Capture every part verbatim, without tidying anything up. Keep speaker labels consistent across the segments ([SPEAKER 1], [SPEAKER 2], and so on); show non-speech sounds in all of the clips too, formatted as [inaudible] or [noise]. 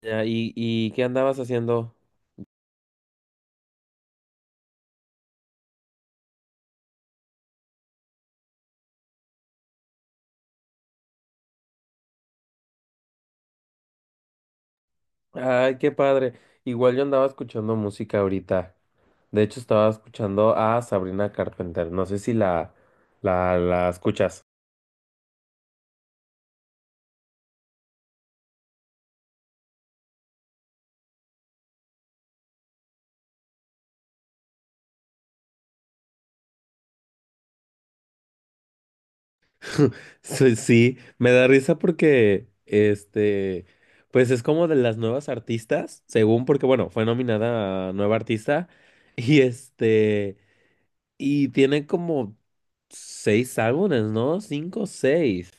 [SPEAKER 1] Ya, ¿y, y qué andabas haciendo? Ay, qué padre. Igual yo andaba escuchando música ahorita. De hecho, estaba escuchando a Sabrina Carpenter. No sé si la, la, la escuchas. [laughs] Sí, sí, me da risa porque, este, pues es como de las nuevas artistas, según porque, bueno, fue nominada a nueva artista. [laughs] Y este, y tiene como seis álbumes, ¿no? Cinco, seis.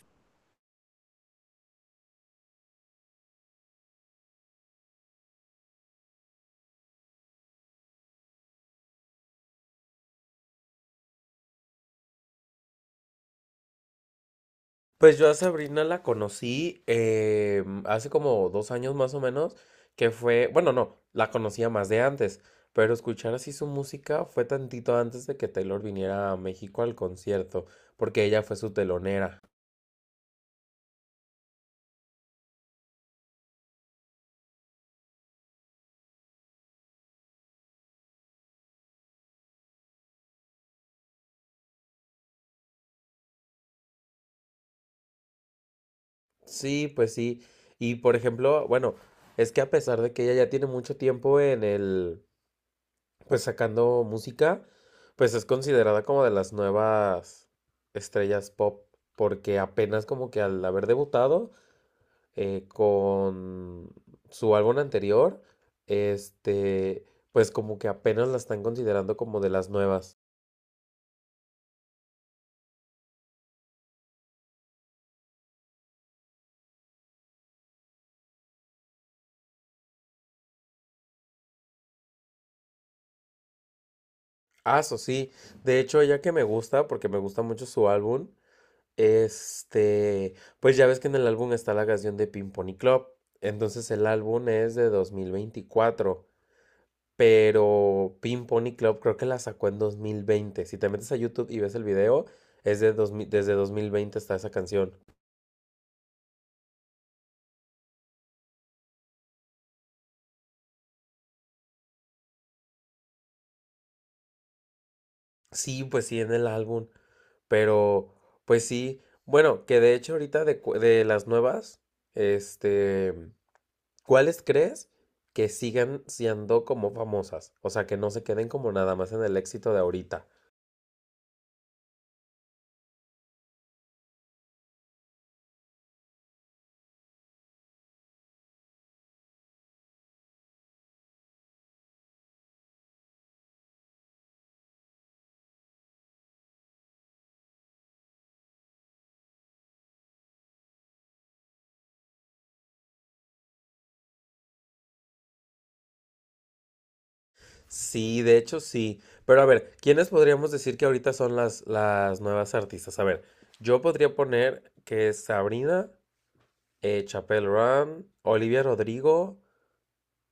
[SPEAKER 1] Pues yo a Sabrina la conocí eh, hace como dos años más o menos, que fue, bueno, no, la conocía más de antes, pero escuchar así su música fue tantito antes de que Taylor viniera a México al concierto, porque ella fue su telonera. Sí, pues sí. Y por ejemplo, bueno, es que a pesar de que ella ya tiene mucho tiempo en el, pues sacando música, pues es considerada como de las nuevas estrellas pop, porque apenas como que al haber debutado, eh, con su álbum anterior, este, pues como que apenas la están considerando como de las nuevas. Ah, eso sí, de hecho ella que me gusta, porque me gusta mucho su álbum, este, pues ya ves que en el álbum está la canción de Pink Pony Club, entonces el álbum es de dos mil veinticuatro. Pero Pink Pony Club creo que la sacó en dos mil veinte. Si te metes a YouTube y ves el video, es de dos mil, desde dos mil veinte está esa canción. Sí, pues sí, en el álbum. Pero, pues sí, bueno, que de hecho ahorita de, cu- de las nuevas, este, ¿cuáles crees que sigan siendo como famosas? O sea, que no se queden como nada más en el éxito de ahorita. Sí, de hecho sí. Pero a ver, ¿quiénes podríamos decir que ahorita son las, las nuevas artistas? A ver, yo podría poner que es Sabrina, eh, Chapel Run, Olivia Rodrigo,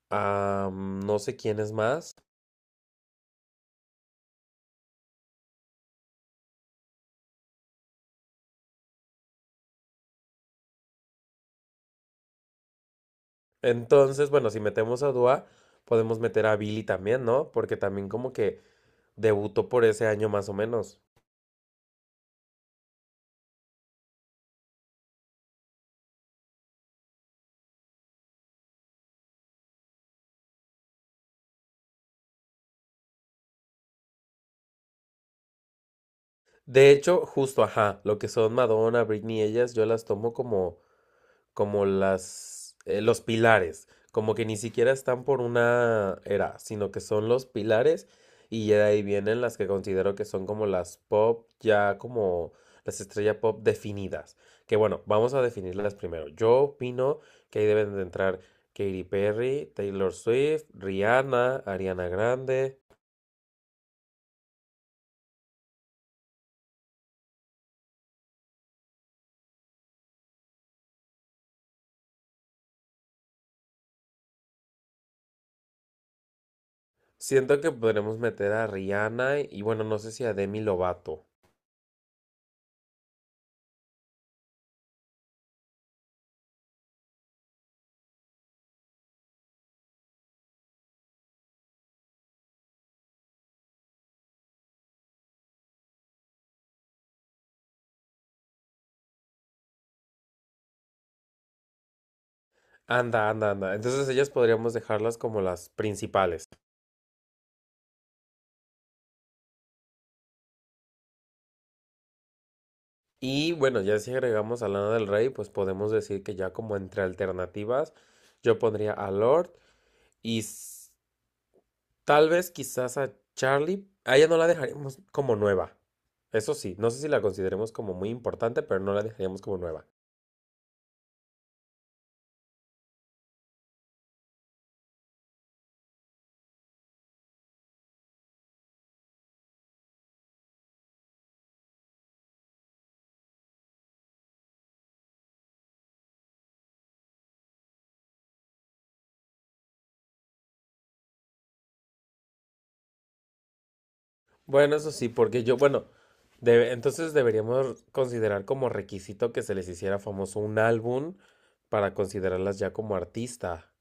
[SPEAKER 1] ah, no sé quién es más. Entonces, bueno, si metemos a Dua, podemos meter a Billy también, ¿no? Porque también como que debutó por ese año más o menos. De hecho, justo, ajá, lo que son Madonna, Britney, ellas, yo las tomo como como las, eh, los pilares, como que ni siquiera están por una era, sino que son los pilares y ya de ahí vienen las que considero que son como las pop, ya como las estrellas pop definidas. Que bueno, vamos a definirlas primero. Yo opino que ahí deben de entrar Katy Perry, Taylor Swift, Rihanna, Ariana Grande. Siento que podremos meter a Rihanna y bueno, no sé si a Demi Lovato. Anda, anda, anda. Entonces ellas podríamos dejarlas como las principales. Y bueno, ya si agregamos a Lana del Rey, pues podemos decir que ya como entre alternativas, yo pondría a Lord y s- tal vez quizás a Charlie. A ella no la dejaríamos como nueva. Eso sí, no sé si la consideremos como muy importante, pero no la dejaríamos como nueva. Bueno, eso sí, porque yo, bueno, debe- entonces deberíamos considerar como requisito que se les hiciera famoso un álbum para considerarlas ya como artista.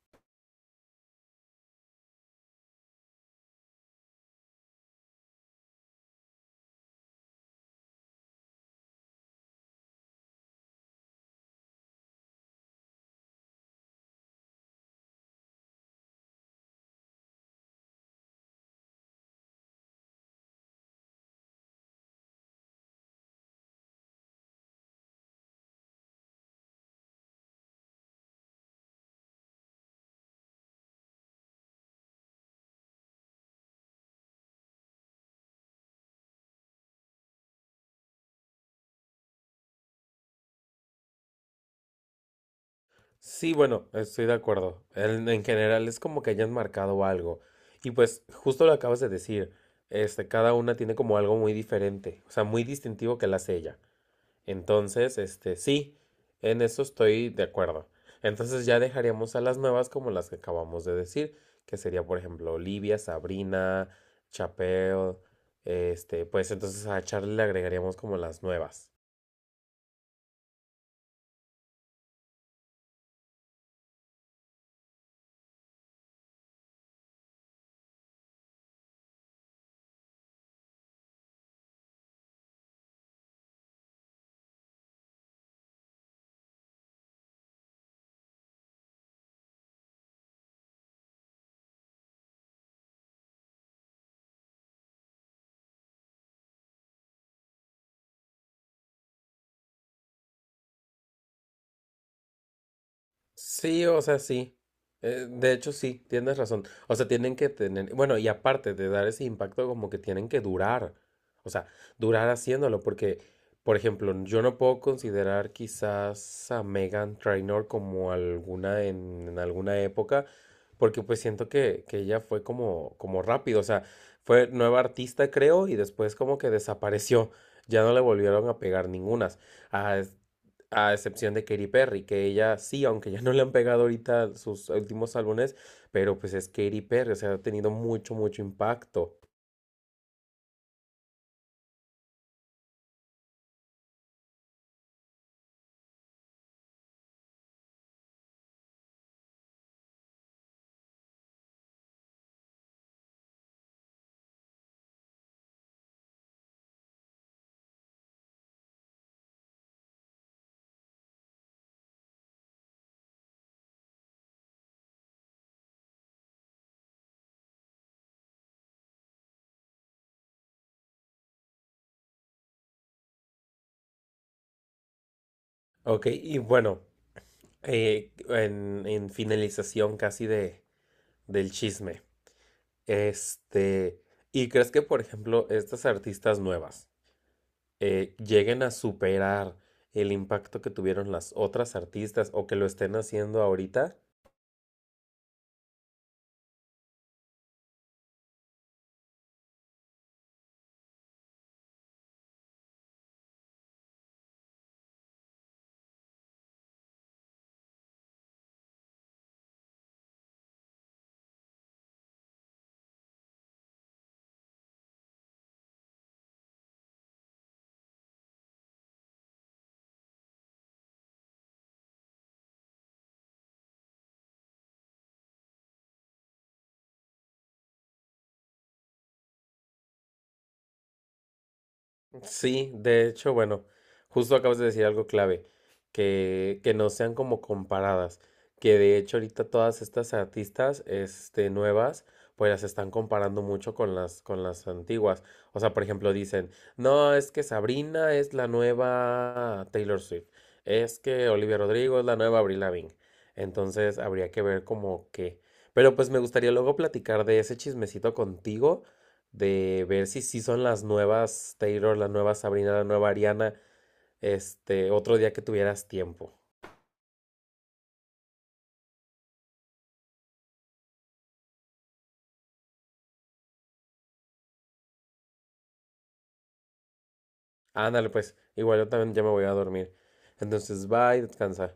[SPEAKER 1] Sí, bueno, estoy de acuerdo. En, en general es como que hayan marcado algo. Y pues justo lo acabas de decir, este, cada una tiene como algo muy diferente, o sea, muy distintivo que la hace ella. Entonces, este, sí, en eso estoy de acuerdo. Entonces ya dejaríamos a las nuevas como las que acabamos de decir, que sería, por ejemplo, Olivia, Sabrina, Chapelle, este, pues entonces a Charlie le agregaríamos como las nuevas. Sí, o sea, sí. Eh, de hecho, sí, tienes razón. O sea, tienen que tener, bueno, y aparte de dar ese impacto, como que tienen que durar. O sea, durar haciéndolo, porque, por ejemplo, yo no puedo considerar quizás a Megan Trainor como alguna en, en alguna época, porque pues siento que, que ella fue como, como rápido. O sea, fue nueva artista, creo, y después como que desapareció. Ya no le volvieron a pegar ningunas. Ah, a excepción de Katy Perry, que ella sí, aunque ya no le han pegado ahorita sus últimos álbumes, pero pues es Katy Perry, o sea, ha tenido mucho, mucho impacto. Ok, y bueno, eh, en, en finalización casi de, del chisme, este, ¿y crees que, por ejemplo, estas artistas nuevas eh, lleguen a superar el impacto que tuvieron las otras artistas o que lo estén haciendo ahorita? Sí, de hecho, bueno, justo acabas de decir algo clave, que, que no sean como comparadas, que de hecho ahorita todas estas artistas, este, nuevas, pues las están comparando mucho con las, con las antiguas. O sea, por ejemplo, dicen, no, es que Sabrina es la nueva Taylor Swift, es que Olivia Rodrigo es la nueva Avril Lavigne. Entonces habría que ver como que. Pero pues me gustaría luego platicar de ese chismecito contigo de ver si sí son las nuevas Taylor, la nueva Sabrina, la nueva Ariana, este, otro día que tuvieras tiempo. Ándale, pues, igual yo también ya me voy a dormir. Entonces, bye, descansa.